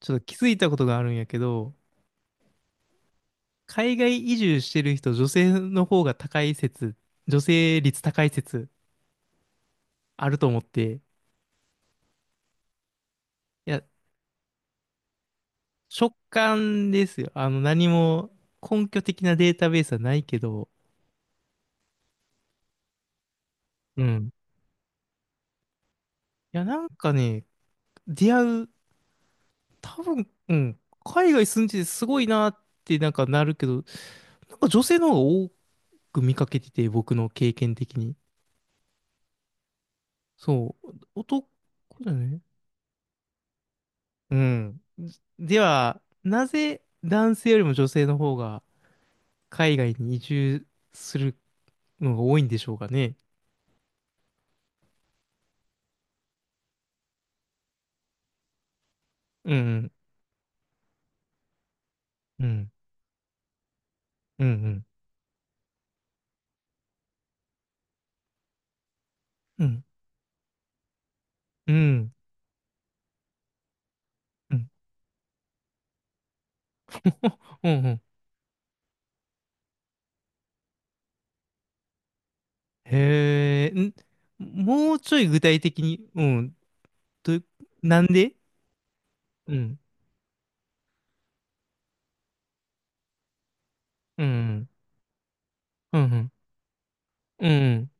ちょっと気づいたことがあるんやけど、海外移住してる人、女性の方が高い説、女性率高い説あると思って、いや、直感ですよ。何も根拠的なデータベースはないけど、うん。いや、なんかね、出会う、多分、うん、海外住んでてすごいなってなんかなるけど、なんか女性の方が多く見かけてて、僕の経験的に。そう。男だね。うん。では、なぜ男性よりも女性の方が海外に移住するのが多いんでしょうかね。うん、うん、うん、うん、うん、うん、うん、うん、うん。へえ、もうちょい具体的に、うん、ど、なんでうん、うん、うん、うん、うん、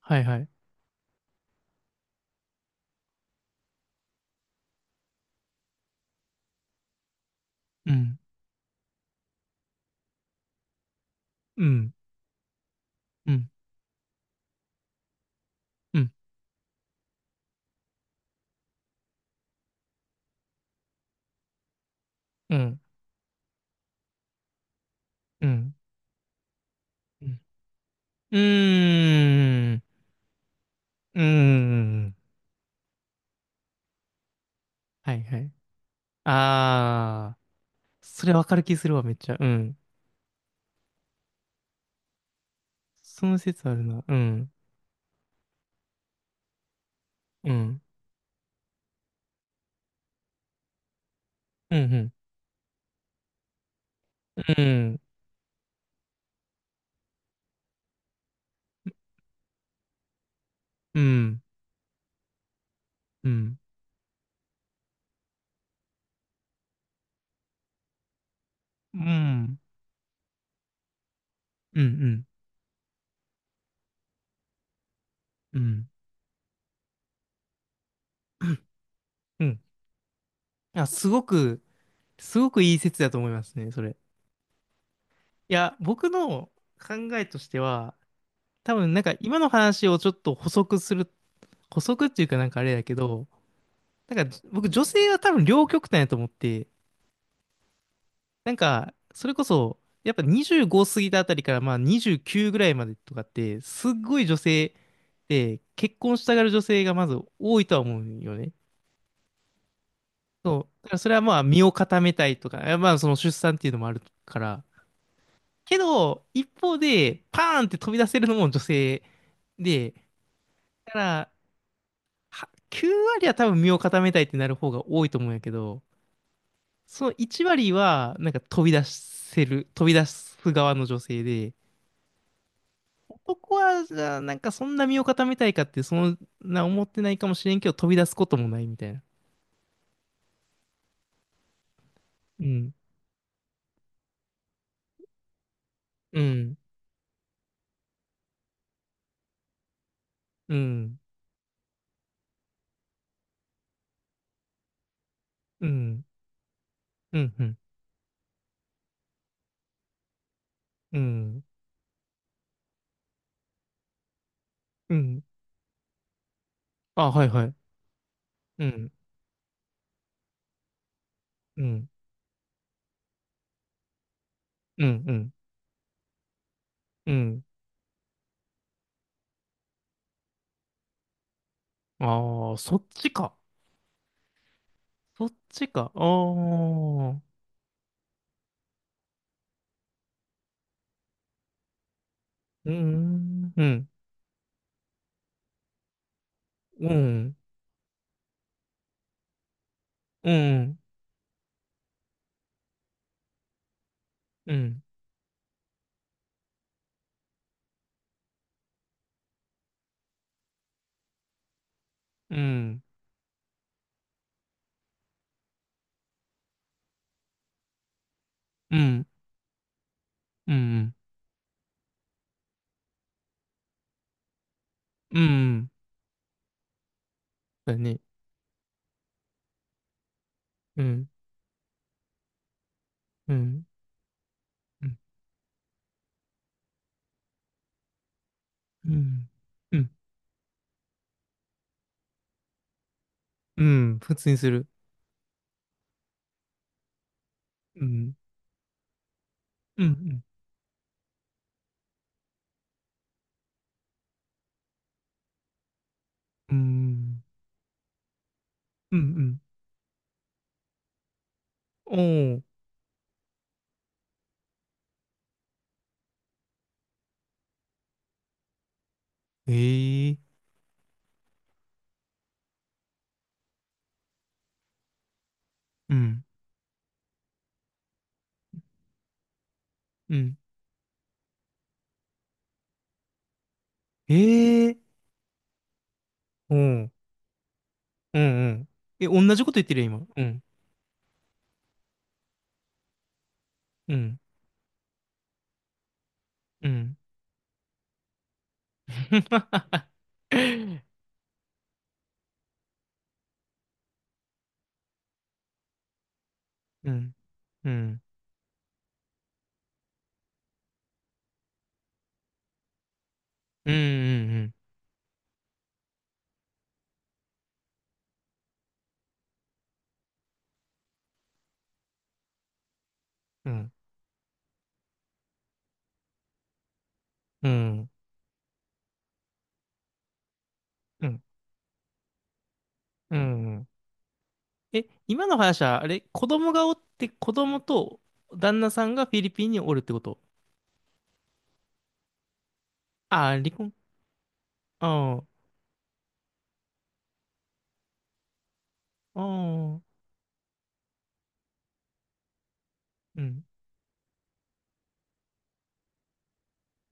はいはい。うん、うん、うん、うん、うん、うん、うん、うーん、うーん、はいはい。ああ。それわかる気するわ、めっちゃ。うん。その説あるな。うん。うん。うん。うん。うん。うん。うん。うん。うん。うん。あ、すごくいい説だと思いますね、それ。いや、僕の考えとしては、多分なんか今の話をちょっと補足っていうかなんかあれだけど、なんか僕女性は多分両極端やと思って、なんか、それこそ、やっぱ25過ぎたあたりから、まあ29ぐらいまでとかって、すっごい女性で、結婚したがる女性がまず多いとは思うよね。そう。だからそれはまあ身を固めたいとか、まあその出産っていうのもあるから。けど、一方で、パーンって飛び出せるのも女性で、だから、は9割は多分身を固めたいってなる方が多いと思うんやけど、その1割は、なんか飛び出す側の女性で、男は、じゃあ、なんかそんな身を固めたいかって、そんな思ってないかもしれんけど、飛び出すこともないみたいな。うん、うん、うん、うん、うん、うん、うん、うん。あ、はいはい。うん、うん、うん、うん、うん。ああ、そっちか。そっちか。ああ、うん、うん、うん、うん、うん、うん、うん、うん、うん。だね。うん、うん、うん、うん、うん、うん。普通にする。うん、うん、うん、うん、うん、うんおー、ええうん、うん、ええおー、うん、うん。え、同じこと言ってるよ、今。うん、うん、うん。うん、うん、うん、うん、うん、うん、うん、うん。うんえ、今の話は、あれ、子供がおって、子供と旦那さんがフィリピンにおるってことあー、離婚。ああ、ああ、うん、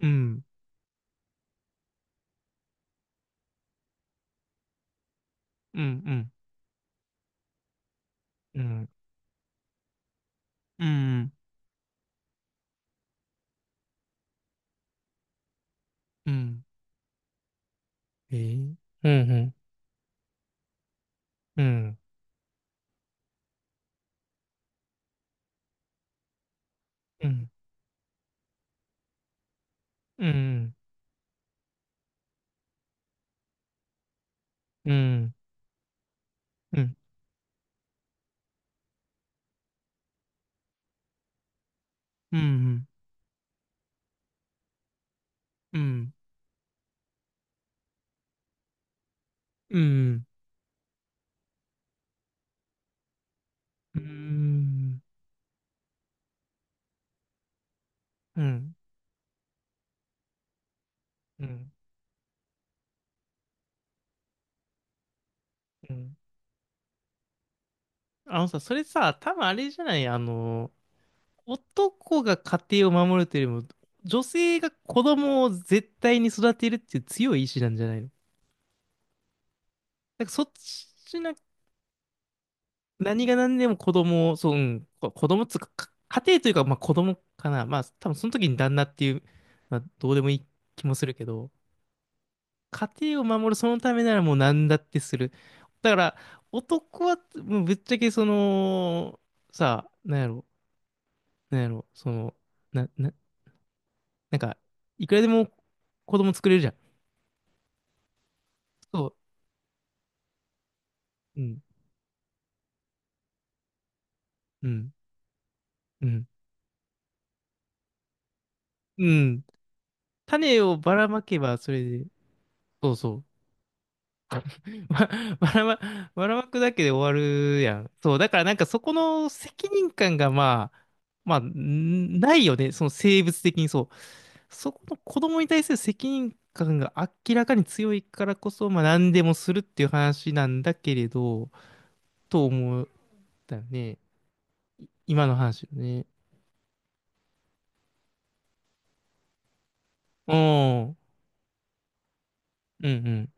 うん、うん、うん、うん。うんうんうん。えー、うん、うん、うん、うん、うん、うん、うん、うん、うん、うん、うん、うん、うん。あのさ、それさ、多分あれじゃない、男が家庭を守るというよりも、女性が子供を絶対に育てるっていう強い意志なんじゃないのなんかそっちな何が何でも子供を、そう、うん、子供っつうか、家庭というか、まあ子供かな。まあ多分その時に旦那っていう、まあどうでもいい気もするけど、家庭を守るそのためならもう何だってする。だから、男は、もうぶっちゃけその、さあ、なんやろ、その、な、な、なんか、いくらでも子供作れるじゃん。そう、うん、うん、うん、うん。種をばらまけばそれで、そうそう。ば、ばらま、ばらまくだけで終わるやん。そう、だからなんかそこの責任感がまあ、んないよね。その生物的にそう。そこの子供に対する責任感が明らかに強いからこそ、まあ何でもするっていう話なんだけれど、と思ったよね。今の話よね。うん。うんうん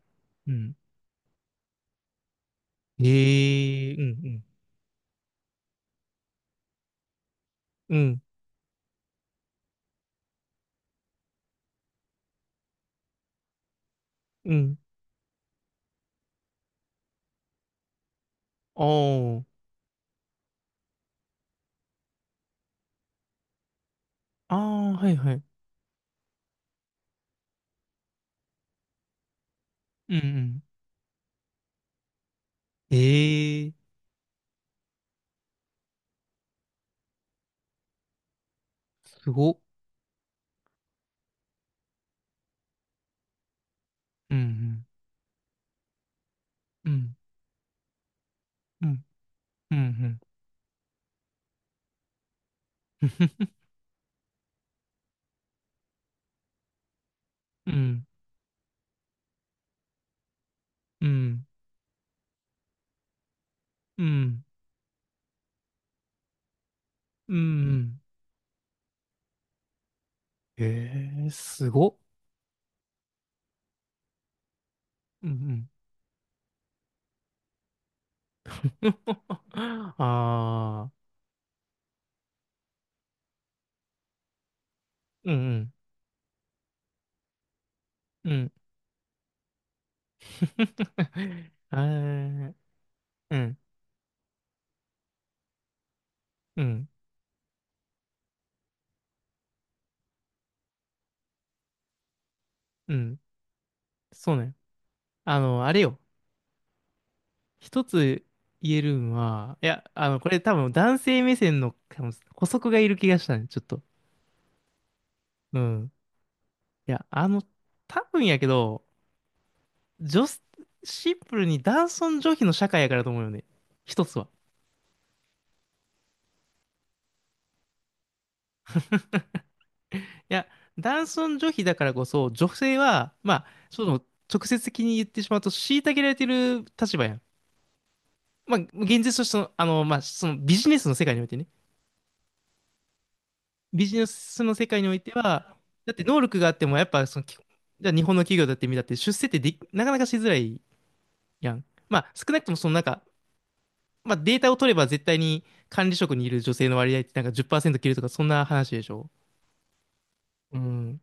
うん。ええうんうん。うんうん。ああ。ああ、はいはい。うんうん。ええすごっ。うん、うん、うん、うん、うん、うん、うん、うん。うんええ、すごっ。うん、うん。ああ、うん、うん、うん。あーうん、うん、うん。そうね。あれよ。一つ言えるんは、いや、これ多分男性目線の多分補足がいる気がしたね、ちょっと。うん。いや、多分やけど、女子、シンプルに男尊女卑の社会やからと思うよね。一つは。いや、男尊女卑だからこそ、女性は、まあ、その、直接的に言ってしまうと、虐げられてる立場やん。まあ、現実としての、まあ、そのビジネスの世界においてね。ビジネスの世界においては、だって能力があっても、やっぱ、その、じゃあ日本の企業だってみたって、出世ってなかなかしづらいやん。まあ、少なくともその、なんか、まあ、データを取れば絶対に管理職にいる女性の割合ってなんか10%切るとか、そんな話でしょ。うん。